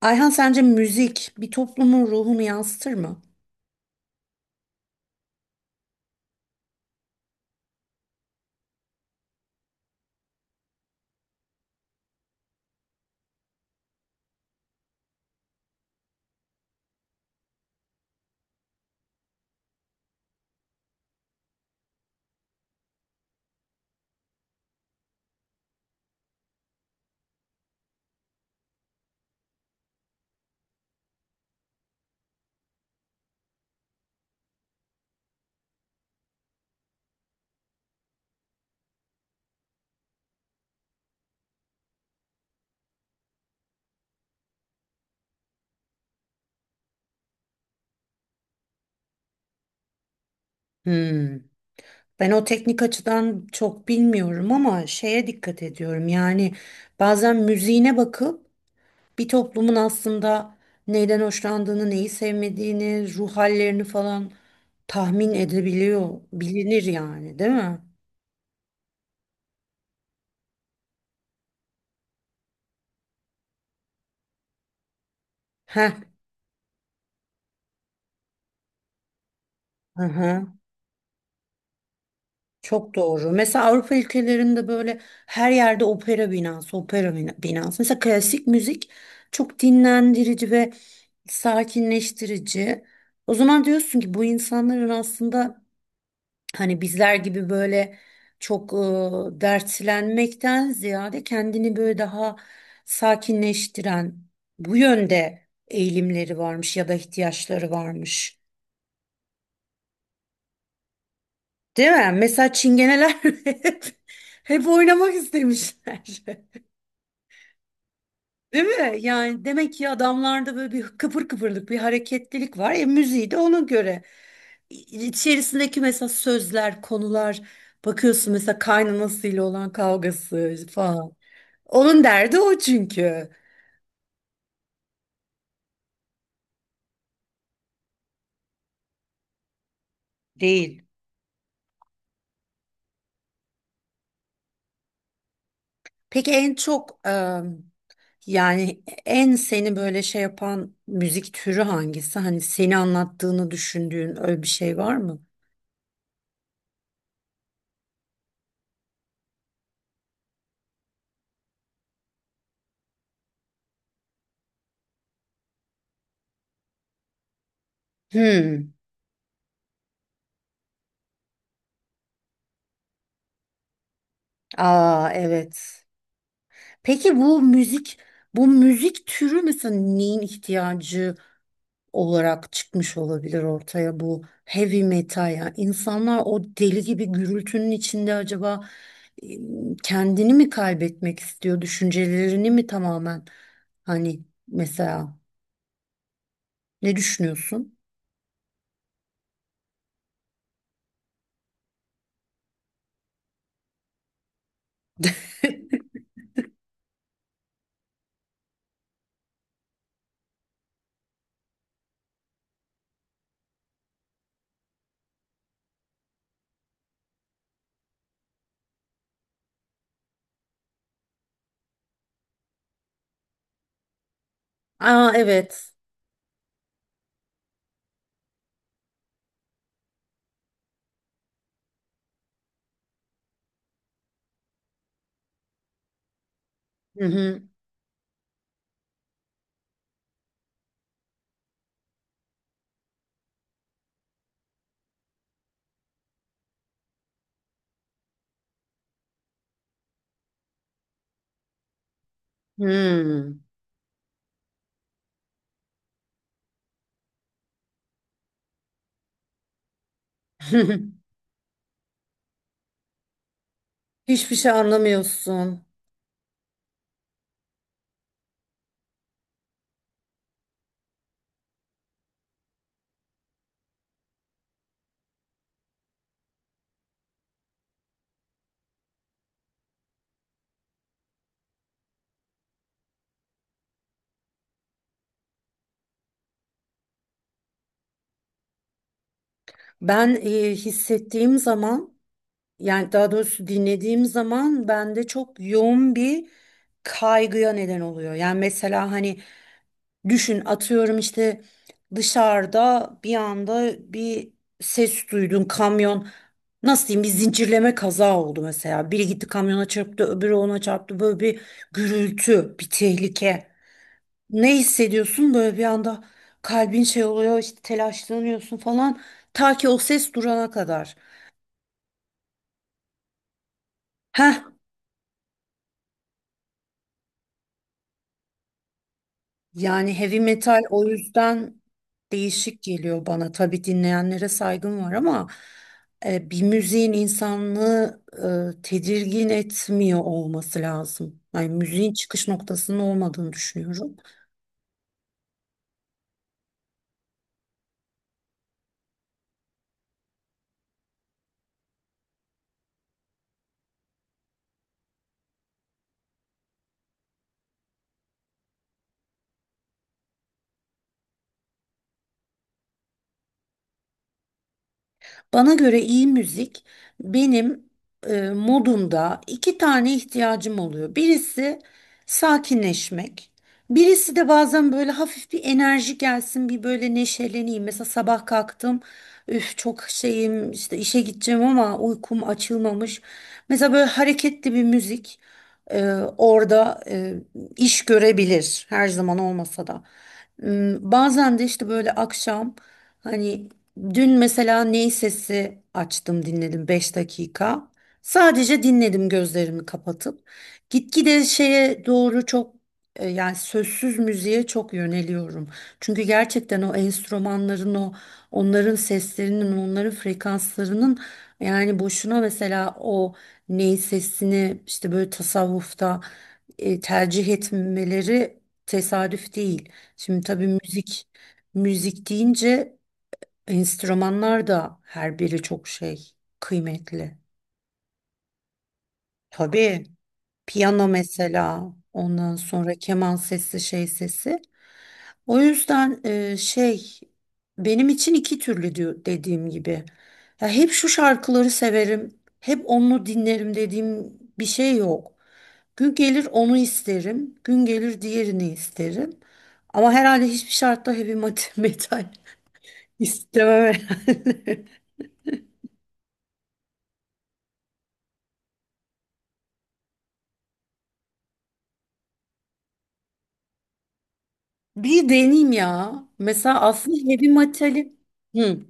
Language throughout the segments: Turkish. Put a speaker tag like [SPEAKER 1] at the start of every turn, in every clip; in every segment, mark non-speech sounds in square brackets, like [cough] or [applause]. [SPEAKER 1] Ayhan sence müzik bir toplumun ruhunu yansıtır mı? Hmm. Ben o teknik açıdan çok bilmiyorum ama şeye dikkat ediyorum. Yani bazen müziğine bakıp bir toplumun aslında neyden hoşlandığını, neyi sevmediğini, ruh hallerini falan tahmin edebiliyor, bilinir yani, değil mi? Heh. Hı hı. Çok doğru. Mesela Avrupa ülkelerinde böyle her yerde opera binası, binası. Mesela klasik müzik çok dinlendirici ve sakinleştirici. O zaman diyorsun ki bu insanların aslında hani bizler gibi böyle çok dertlenmekten ziyade kendini böyle daha sakinleştiren bu yönde eğilimleri varmış ya da ihtiyaçları varmış. Değil mi? Mesela çingeneler [laughs] hep, hep oynamak istemişler. [laughs] Değil mi? Yani demek ki adamlarda böyle bir kıpır kıpırlık, bir hareketlilik var. E müziği de ona göre. İçerisindeki mesela sözler, konular bakıyorsun mesela kaynanasıyla olan kavgası falan. Onun derdi o çünkü. Değil. Peki en çok yani en seni böyle şey yapan müzik türü hangisi? Hani seni anlattığını düşündüğün öyle bir şey var mı? Hmm. Aa, evet. Peki bu müzik türü mesela neyin ihtiyacı olarak çıkmış olabilir ortaya, bu heavy metal, yani insanlar o deli gibi gürültünün içinde acaba e, kendini mi kaybetmek istiyor, düşüncelerini mi tamamen, hani, mesela, ne düşünüyorsun? Aa, evet. Hı hı. Hmm. [laughs] Hiçbir şey anlamıyorsun. Ben e, hissettiğim zaman, yani daha doğrusu dinlediğim zaman bende çok yoğun bir kaygıya neden oluyor. Yani mesela hani düşün, atıyorum, işte dışarıda bir anda bir ses duydun, kamyon, nasıl diyeyim, bir zincirleme kaza oldu mesela. Biri gitti kamyona çarptı, öbürü ona çarptı, böyle bir gürültü, bir tehlike. Ne hissediyorsun böyle bir anda, kalbin şey oluyor işte, telaşlanıyorsun falan, ta ki o ses durana kadar. Heh. Yani heavy metal o yüzden değişik geliyor bana. Tabii dinleyenlere saygım var ama bir müziğin insanlığı tedirgin etmiyor olması lazım. Yani müziğin çıkış noktasının olmadığını düşünüyorum. Bana göre iyi müzik, benim modumda iki tane ihtiyacım oluyor. Birisi sakinleşmek. Birisi de bazen böyle hafif bir enerji gelsin, bir böyle neşeleneyim. Mesela sabah kalktım, üf çok şeyim işte, işe gideceğim ama uykum açılmamış. Mesela böyle hareketli bir müzik e, orada iş görebilir, her zaman olmasa da. Hmm. Bazen de işte böyle akşam, hani, dün mesela Ney Sesi açtım, dinledim 5 dakika. Sadece dinledim gözlerimi kapatıp. Gitgide şeye doğru çok, yani sözsüz müziğe çok yöneliyorum. Çünkü gerçekten o enstrümanların o, onların seslerinin, onların frekanslarının, yani boşuna mesela o Ney Sesini işte böyle tasavvufta tercih etmeleri tesadüf değil. Şimdi tabii müzik, müzik deyince enstrümanlar da her biri çok şey, kıymetli. Tabii piyano, mesela ondan sonra keman sesi, şey sesi. O yüzden şey, benim için iki türlü diyor, dediğim gibi. Ya hep şu şarkıları severim, hep onu dinlerim dediğim bir şey yok. Gün gelir onu isterim, gün gelir diğerini isterim. Ama herhalde hiçbir şartta heavy metal [laughs] istemem herhalde. Bir deneyeyim ya. Mesela aslında heavy materi... Hı.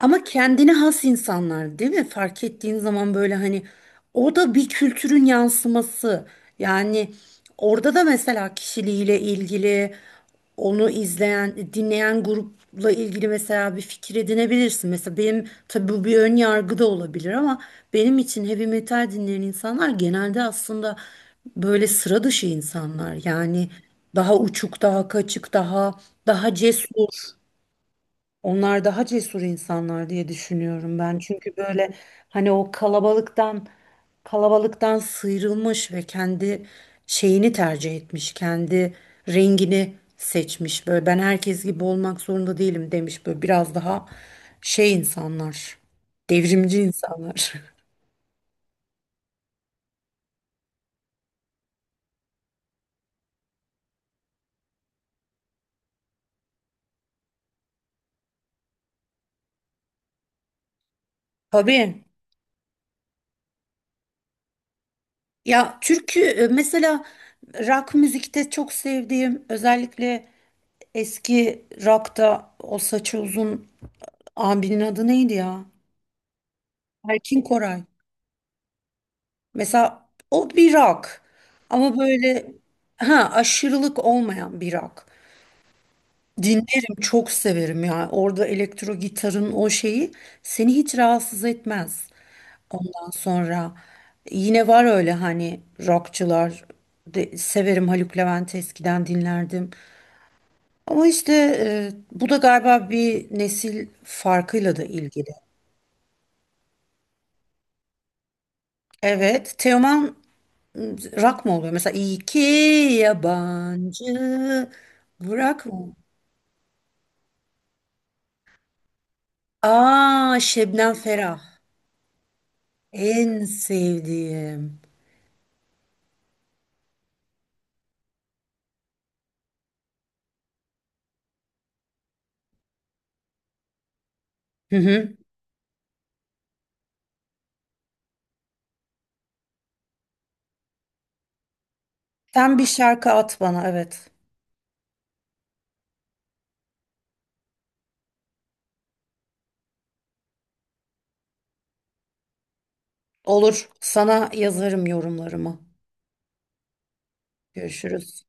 [SPEAKER 1] Ama kendine has insanlar değil mi? Fark ettiğin zaman böyle, hani, o da bir kültürün yansıması. Yani orada da mesela kişiliğiyle ilgili, onu izleyen, dinleyen grupla ilgili mesela bir fikir edinebilirsin. Mesela benim, tabii bu bir ön yargı da olabilir ama, benim için heavy metal dinleyen insanlar genelde aslında böyle sıra dışı insanlar. Yani daha uçuk, daha kaçık, daha cesur. Onlar daha cesur insanlar diye düşünüyorum ben. Çünkü böyle, hani, o kalabalıktan sıyrılmış ve kendi şeyini tercih etmiş, kendi rengini seçmiş. Böyle "ben herkes gibi olmak zorunda değilim" demiş. Böyle biraz daha şey insanlar, devrimci insanlar. [laughs] Tabii. Ya türkü mesela rock müzikte çok sevdiğim, özellikle eski rock'ta, o saçı uzun abinin adı neydi ya? Erkin Koray. Mesela o bir rock. Ama böyle, ha, aşırılık olmayan bir rock. Dinlerim, çok severim ya. Orada elektro gitarın o şeyi seni hiç rahatsız etmez. Ondan sonra yine var öyle, hani, rockçılar severim, Haluk Levent eskiden dinlerdim. Ama işte e, bu da galiba bir nesil farkıyla da ilgili. Evet, Teoman rock mı oluyor? Mesela iki yabancı bırak mı? Aa, Şebnem Ferah. En sevdiğim. Hı hı. Sen bir şarkı at bana, evet. Olur. Sana yazarım yorumlarımı. Görüşürüz.